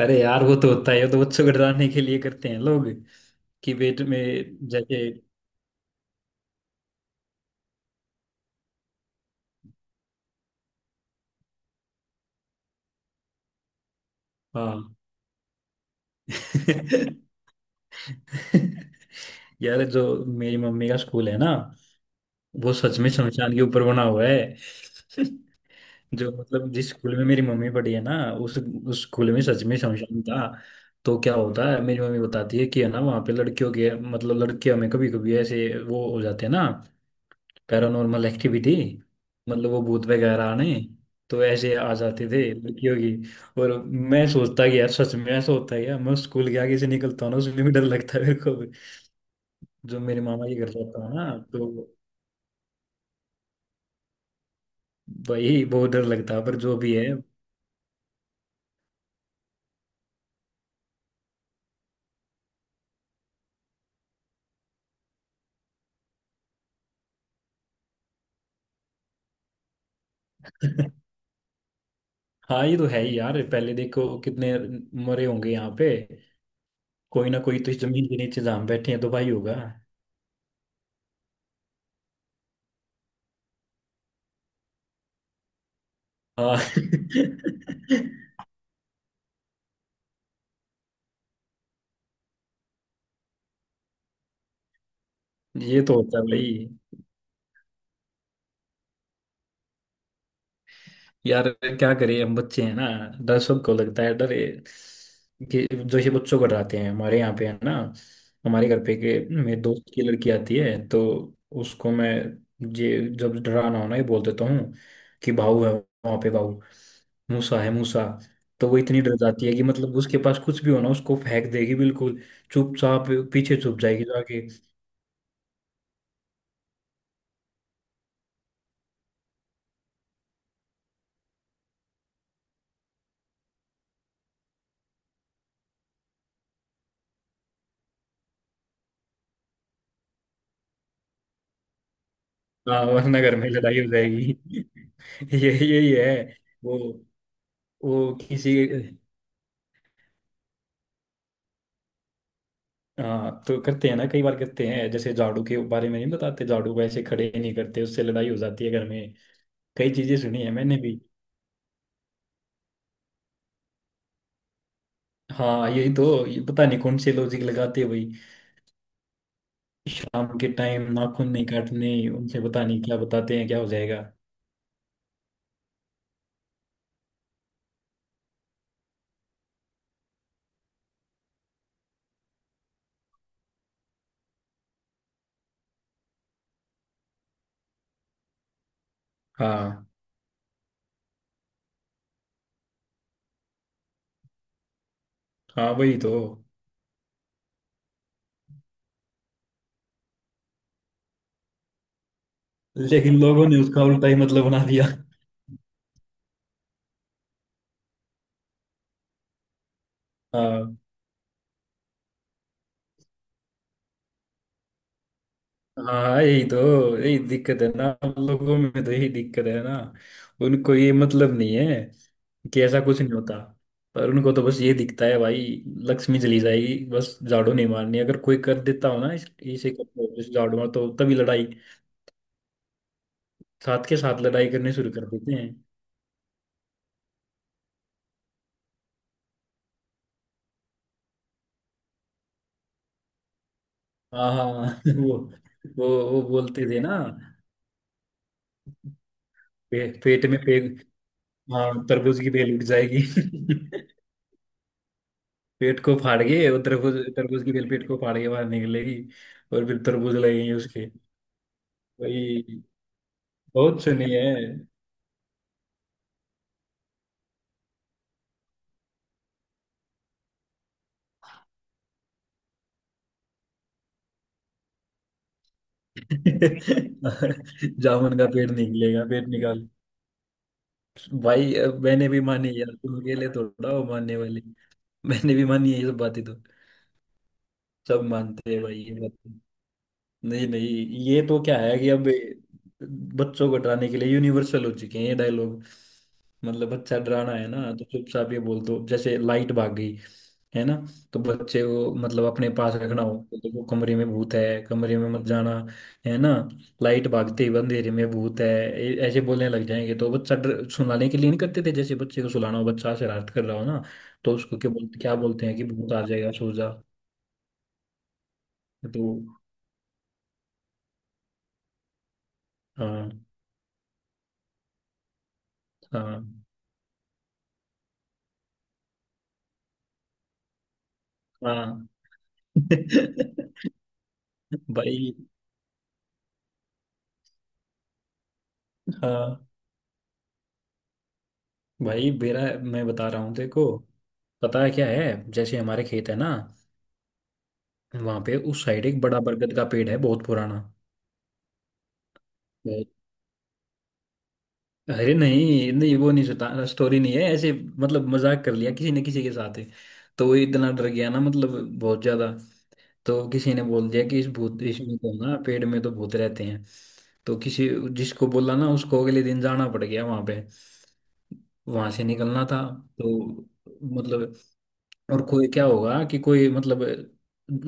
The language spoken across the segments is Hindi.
अरे यार, वो तो होता है, वो तो बच्चों को डराने के लिए करते हैं लोग। कि पेट में जैसे। हाँ। यार जो मेरी मम्मी का स्कूल है ना, वो सच में शमशान के ऊपर बना हुआ है। जो मतलब जिस स्कूल में मेरी मम्मी पढ़ी है ना, उस स्कूल में सच में शमशान था। तो क्या होता है, मेरी मम्मी बताती है कि है ना, वहाँ पे लड़कियों के मतलब लड़के, हमें कभी कभी ऐसे वो हो जाते हैं ना, पैरानॉर्मल एक्टिविटी। मतलब वो भूत वगैरह आने, तो ऐसे आ जाते थे लड़कियों की। और मैं सोचता कि यार सच में ऐसा होता है। यार मैं स्कूल के आगे से निकलता हूँ ना, उसमें भी डर लगता है मेरे को भी। जो मेरे मामा के घर जाता हूँ ना, तो भाई बहुत डर लगता है, पर जो भी है। हाँ ये तो है ही यार। पहले देखो कितने मरे होंगे यहाँ पे। कोई ना कोई तो इस जमीन के नीचे जहाँ हम बैठे हैं, तो भाई होगा। हाँ। ये तो होता है भाई। यार क्या करें, हम बच्चे हैं ना, डर सबको लगता है। कि जो ये बच्चों को डराते हैं, हमारे यहाँ पे है ना, हमारे घर पे के मेरे दोस्त की लड़की आती है, तो उसको मैं, ये जब डराना हो ना, ये बोल देता हूँ कि भाऊ है वहाँ पे, भाऊ, मूसा है, मूसा। तो वो इतनी डर जाती है कि मतलब उसके पास कुछ भी हो ना, उसको फेंक देगी बिल्कुल चुपचाप, पीछे छुप जाएगी जाके। हाँ वरना घर में लड़ाई हो जाएगी। ये यही है। वो वो किसी हाँ तो करते हैं ना, कई बार करते हैं, जैसे झाड़ू के बारे में नहीं बताते, झाड़ू को ऐसे खड़े नहीं करते, उससे लड़ाई हो जाती है घर में। कई चीजें सुनी है मैंने भी। हाँ यही तो, ये पता नहीं कौन से लॉजिक लगाते हैं भाई। शाम के टाइम नाखून नहीं काटने, उनसे पता नहीं क्या बताते हैं क्या हो जाएगा। हाँ हाँ वही तो, लेकिन लोगों ने उसका उल्टा ही मतलब बना दिया। हाँ। हाँ यही तो, यही दिक्कत है ना हम लोगों में, तो यही दिक्कत है ना, उनको ये मतलब नहीं है कि ऐसा कुछ नहीं होता। पर उनको तो बस ये दिखता है भाई, लक्ष्मी चली जाएगी बस, झाड़ू नहीं मारनी। अगर कोई कर देता हो ना, इस इसे कर दो, इस झाड़ू मार, तो तभी लड़ाई, साथ के साथ लड़ाई करने शुरू कर देते हैं। हाँ हाँ। वो वो वो बोलते थे ना, पे, पेट में पे हाँ तरबूज की बेल उठ जाएगी। पेट को फाड़ के वो तरबूज, तरबूज की बेल पेट को फाड़ के बाहर निकलेगी। और फिर तरबूज लगेंगे उसके। वही, बहुत सुनी है। जामुन का पेट निकलेगा, पेट निकाल। भाई अब मैंने भी मानी यार, तुम अकेले थोड़ा हो मानने वाले, मैंने भी मानी है ये सब बातें तो। सब मानते हैं भाई ये बात। नहीं नहीं, ये तो क्या है कि अब बच्चों को डराने के लिए यूनिवर्सल हो चुके हैं ये डायलॉग। मतलब बच्चा डराना है ना, तो चुपचाप ये बोल दो, जैसे लाइट भाग गई, है ना, तो बच्चे को मतलब अपने पास रखना हो, तो देखो कमरे में भूत है, कमरे में मत जाना, है ना। लाइट भागते ही अंधेरे में भूत है, ऐसे बोलने लग जाएंगे, तो बच्चा डर, सुलाने के लिए नहीं करते थे, जैसे बच्चे को सुलाना हो, बच्चा शरारत कर रहा हो ना, तो उसको क्या बोलते, हैं कि भूत आ जाएगा, सो जा। तो हाँ। हाँ। हाँ भाई। हाँ भाई मेरा, मैं बता रहा हूँ तेरे को, पता है क्या है, जैसे हमारे खेत है ना, वहां पे उस साइड एक बड़ा बरगद का पेड़ है, बहुत पुराना, बहुत- अरे नहीं नहीं, वो नहीं, सता स्टोरी नहीं है ऐसे, मतलब मजाक कर लिया किसी ने किसी के साथ ही। तो वो इतना डर गया ना, मतलब बहुत ज्यादा, तो किसी ने बोल दिया कि इस भूत, इसमें तो ना पेड़ में तो भूत रहते हैं। तो किसी, जिसको बोला ना, उसको अगले दिन जाना पड़ गया वहां पे, वहां से निकलना था। तो मतलब, और कोई क्या होगा कि कोई मतलब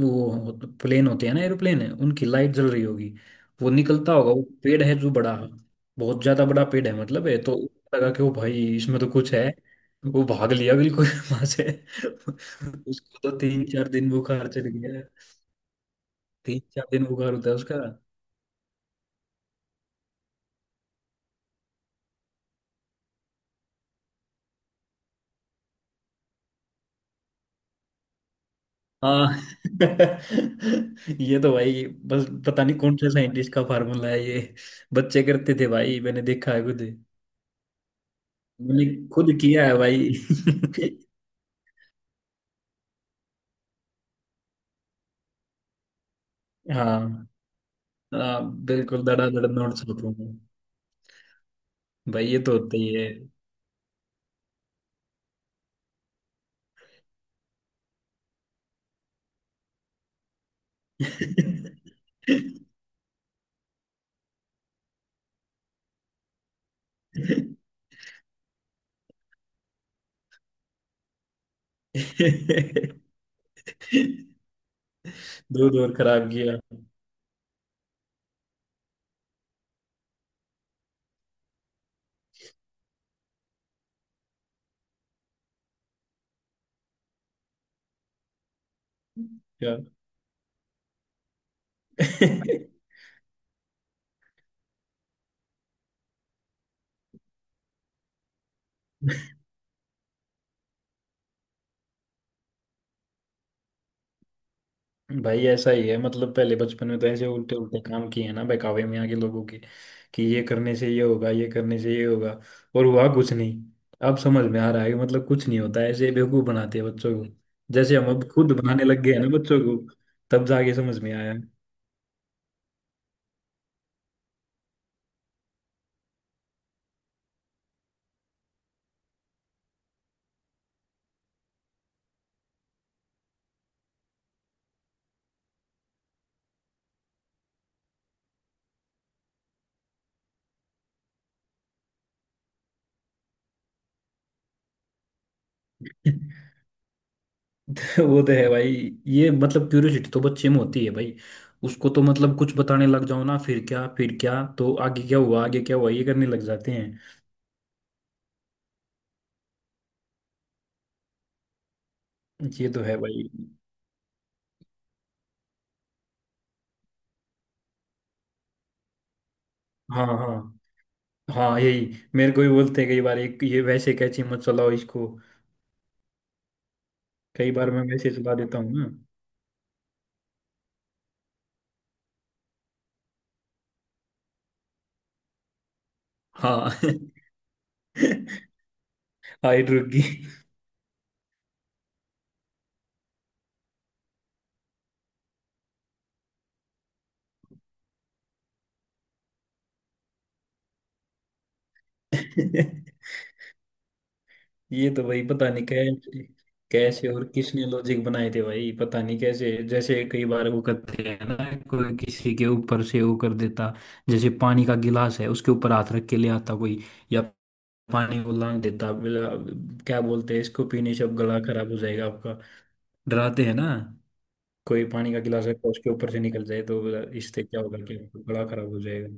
वो, प्लेन होते हैं ना, एरोप्लेन है, उनकी लाइट जल रही होगी, वो निकलता होगा, वो पेड़ है जो बड़ा, बहुत ज्यादा बड़ा पेड़ है, मतलब है तो। लगा कि ओ भाई इसमें तो कुछ है, वो भाग लिया बिल्कुल। वहां से उसको तो तीन चार दिन बुखार चढ़ गया। तीन चार दिन बुखार होता है उसका। हाँ। ये तो भाई, बस पता नहीं कौन से साइंटिस्ट का फार्मूला है ये। बच्चे करते थे भाई, मैंने देखा है खुद। मैंने खुद किया है भाई। हाँ हाँ, बिल्कुल धड़ाधड़ नोट्स बताऊंगा। भाई ये तो होता ही है। दूध और खराब किया। क्या। भाई ऐसा ही है, मतलब पहले बचपन में तो ऐसे उल्टे उल्टे काम किए हैं ना, बहकावे में आके लोगों के, कि ये करने से ये होगा, ये करने से ये होगा, और हुआ कुछ नहीं। अब समझ में आ रहा है कि मतलब कुछ नहीं होता, ऐसे बेवकूफ बनाते हैं बच्चों को, जैसे हम अब खुद बनाने लग गए हैं ना बच्चों को, तब जाके समझ में आया। तो वो तो है भाई, ये मतलब क्यूरियोसिटी तो बच्चे में होती है भाई। उसको तो मतलब कुछ बताने लग जाओ ना, फिर क्या, तो आगे क्या हुआ, ये करने लग जाते हैं। ये तो है भाई। हाँ। हाँ हाँ यही, मेरे को भी बोलते हैं कई बार, एक ये वैसे कैची मत चलाओ इसको। कई बार मैं वैसे चला देता हूँ ना। हाँ। हाइट रुक गई। ये तो भाई पता नहीं कैसे, और किसने लॉजिक बनाए थे भाई, पता नहीं कैसे। जैसे कई बार वो करते हैं ना, कोई किसी के ऊपर से वो कर देता, जैसे पानी का गिलास है, उसके ऊपर हाथ रख के ले आता कोई, या पानी को लांग देता, क्या बोलते हैं, इसको पीने से अब गला खराब हो जाएगा आपका। डराते हैं ना। कोई पानी का गिलास रखा, उसके ऊपर से निकल जाए तो, इससे क्या होगा कि बड़ा खराब हो जाएगा।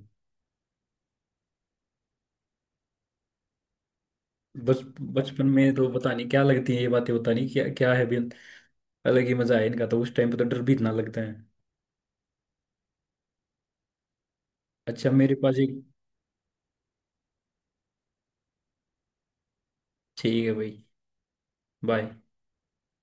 बच बचपन में तो पता नहीं क्या लगती है ये बातें, पता नहीं क्या क्या है भी। अलग ही मजा है इनका तो, उस टाइम पे तो डर भी इतना लगता है। अच्छा मेरे पास एक, ठीक है भाई, बाय।